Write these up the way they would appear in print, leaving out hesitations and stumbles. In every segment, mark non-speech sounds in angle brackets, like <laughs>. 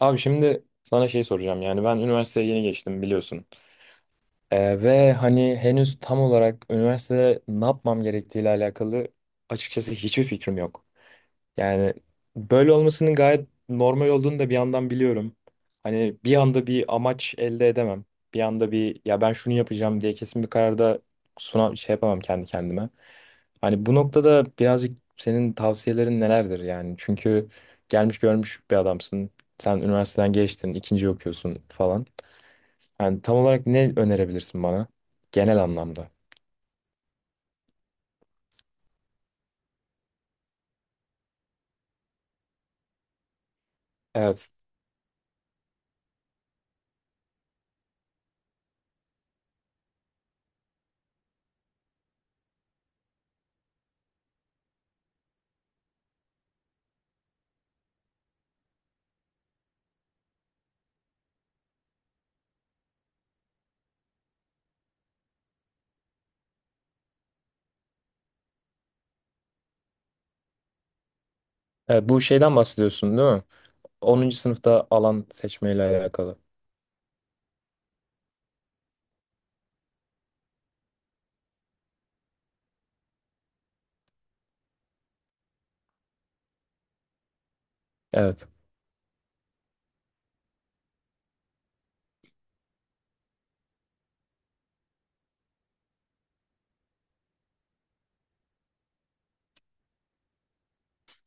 Abi şimdi sana şey soracağım, yani ben üniversiteye yeni geçtim, biliyorsun. Ve hani henüz tam olarak üniversitede ne yapmam gerektiğiyle alakalı açıkçası hiçbir fikrim yok. Yani böyle olmasının gayet normal olduğunu da bir yandan biliyorum. Hani bir anda bir amaç elde edemem. Bir anda bir, ya ben şunu yapacağım diye kesin bir kararda suna şey yapamam kendi kendime. Hani bu noktada birazcık senin tavsiyelerin nelerdir yani? Çünkü gelmiş görmüş bir adamsın. Sen üniversiteden geçtin, ikinci okuyorsun falan. Yani tam olarak ne önerebilirsin bana genel anlamda? Evet. Bu şeyden bahsediyorsun değil mi? Onuncu sınıfta alan seçmeyle alakalı. Evet.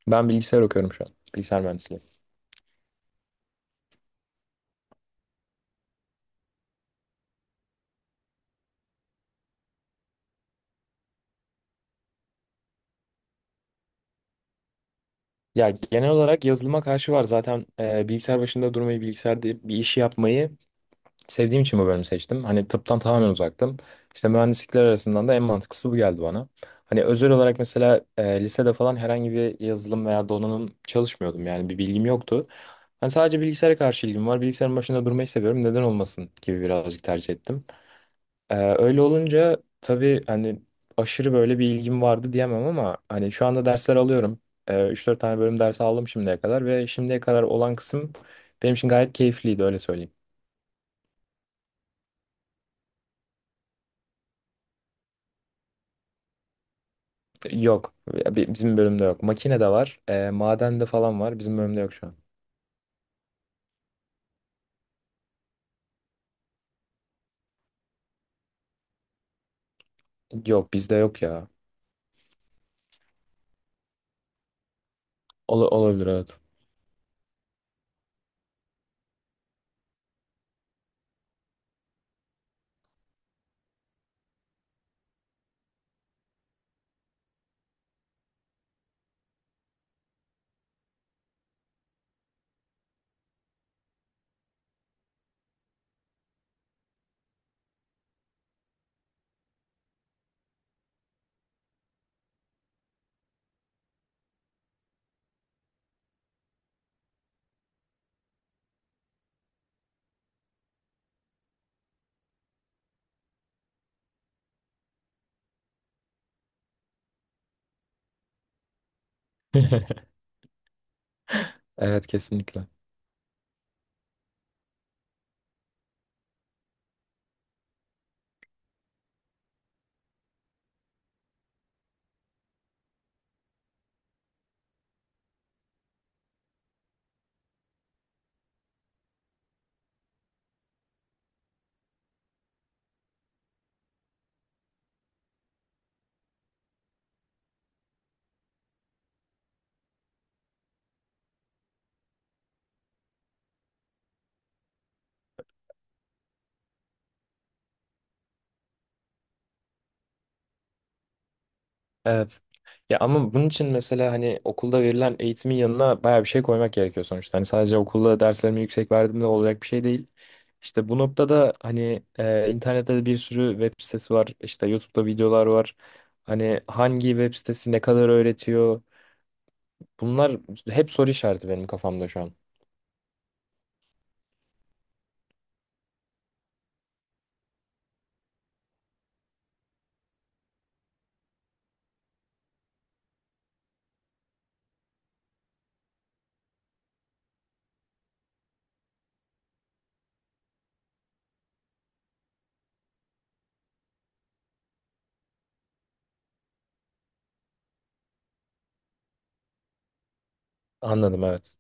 Ben bilgisayar okuyorum şu an. Bilgisayar mühendisliği. Ya genel olarak yazılıma karşı var. Zaten bilgisayar başında durmayı, bilgisayarda bir işi yapmayı sevdiğim için bu bölümü seçtim. Hani tıptan tamamen uzaktım. İşte mühendislikler arasından da en mantıklısı bu geldi bana. Hani özel olarak mesela lisede falan herhangi bir yazılım veya donanım çalışmıyordum. Yani bir bilgim yoktu. Hani sadece bilgisayara karşı ilgim var. Bilgisayarın başında durmayı seviyorum. Neden olmasın gibi birazcık tercih ettim. Öyle olunca tabii hani aşırı böyle bir ilgim vardı diyemem ama hani şu anda dersler alıyorum. 3-4 tane bölüm dersi aldım şimdiye kadar ve şimdiye kadar olan kısım benim için gayet keyifliydi, öyle söyleyeyim. Yok ya, bizim bölümde yok. Makine de var, maden de falan var, bizim bölümde yok şu an. Yok, bizde yok ya. Olabilir, evet. <laughs> Evet, kesinlikle. Evet. Ya ama bunun için mesela hani okulda verilen eğitimin yanına bayağı bir şey koymak gerekiyor sonuçta. Hani sadece okulda derslerimi yüksek verdiğimde olacak bir şey değil. İşte bu noktada hani internette de bir sürü web sitesi var. İşte YouTube'da videolar var. Hani hangi web sitesi ne kadar öğretiyor? Bunlar hep soru işareti benim kafamda şu an. Anladım, evet.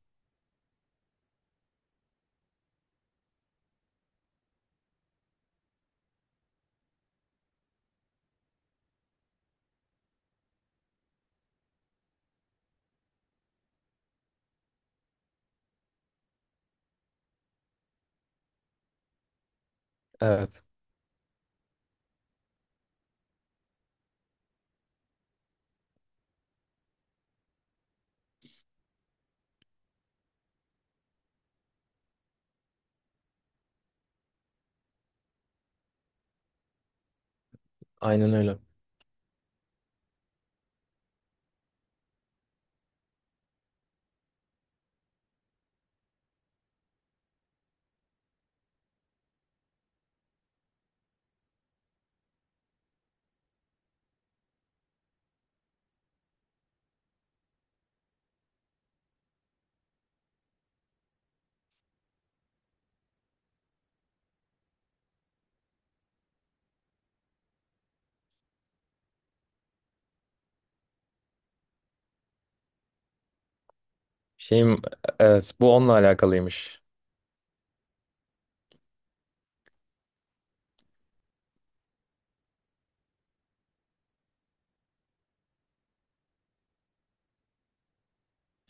Evet. Aynen öyle. Şeyim, evet, bu onunla alakalıymış.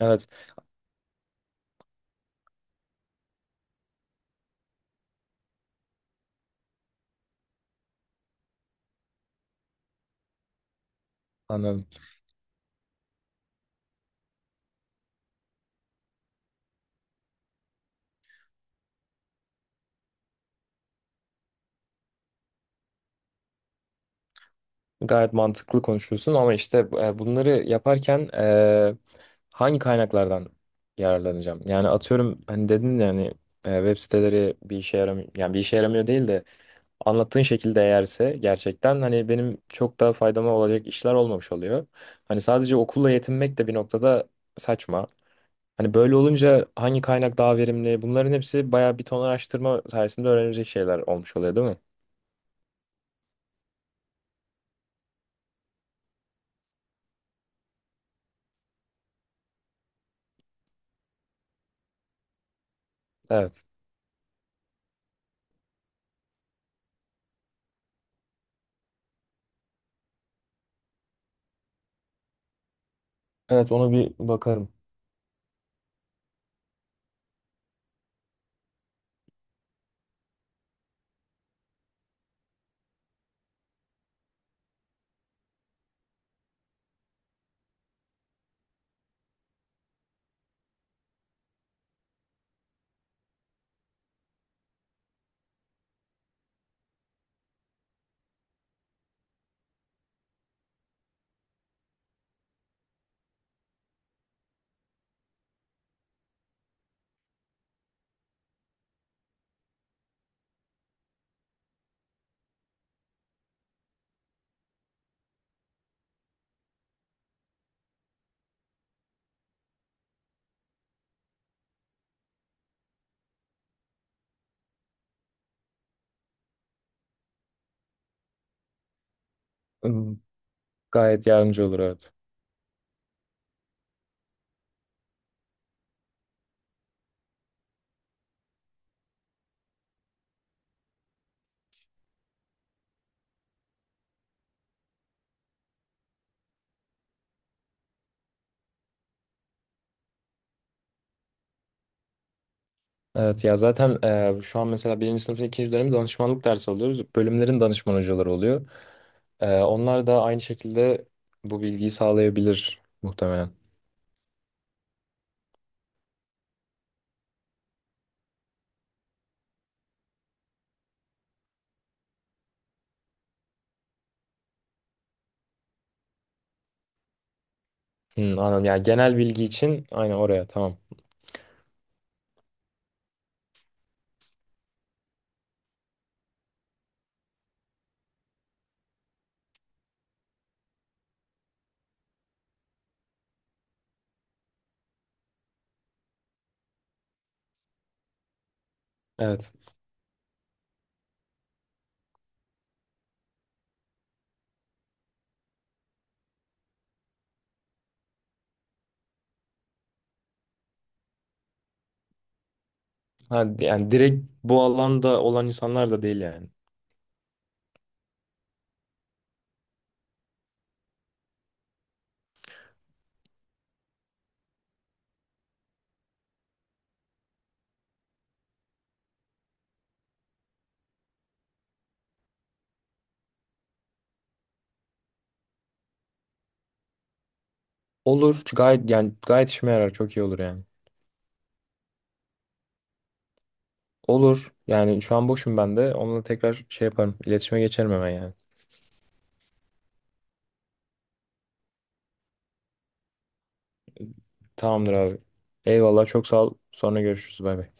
Evet, anladım. Gayet mantıklı konuşuyorsun, ama işte bunları yaparken hangi kaynaklardan yararlanacağım? Yani atıyorum, hani dedin yani web siteleri bir işe yaramıyor, yani bir işe yaramıyor değil de anlattığın şekilde eğerse gerçekten hani benim çok daha faydama olacak işler olmamış oluyor. Hani sadece okulla yetinmek de bir noktada saçma. Hani böyle olunca hangi kaynak daha verimli? Bunların hepsi bayağı bir ton araştırma sayesinde öğrenilecek şeyler olmuş oluyor, değil mi? Evet. Evet, ona bir bakarım. Hmm. Gayet yardımcı olur, evet. Evet ya, zaten şu an mesela birinci sınıfın ikinci dönemi danışmanlık dersi alıyoruz. Bölümlerin danışman hocaları oluyor. Onlar da aynı şekilde bu bilgiyi sağlayabilir muhtemelen. Hmm, anladım. Yani genel bilgi için aynı oraya, tamam. Evet. Ha, yani direkt bu alanda olan insanlar da değil yani. Olur, gayet yani, gayet işime yarar, çok iyi olur yani. Olur yani, şu an boşum, ben de onunla tekrar şey yaparım, İletişime geçerim hemen yani. Tamamdır abi. Eyvallah, çok sağ ol. Sonra görüşürüz, bay bay.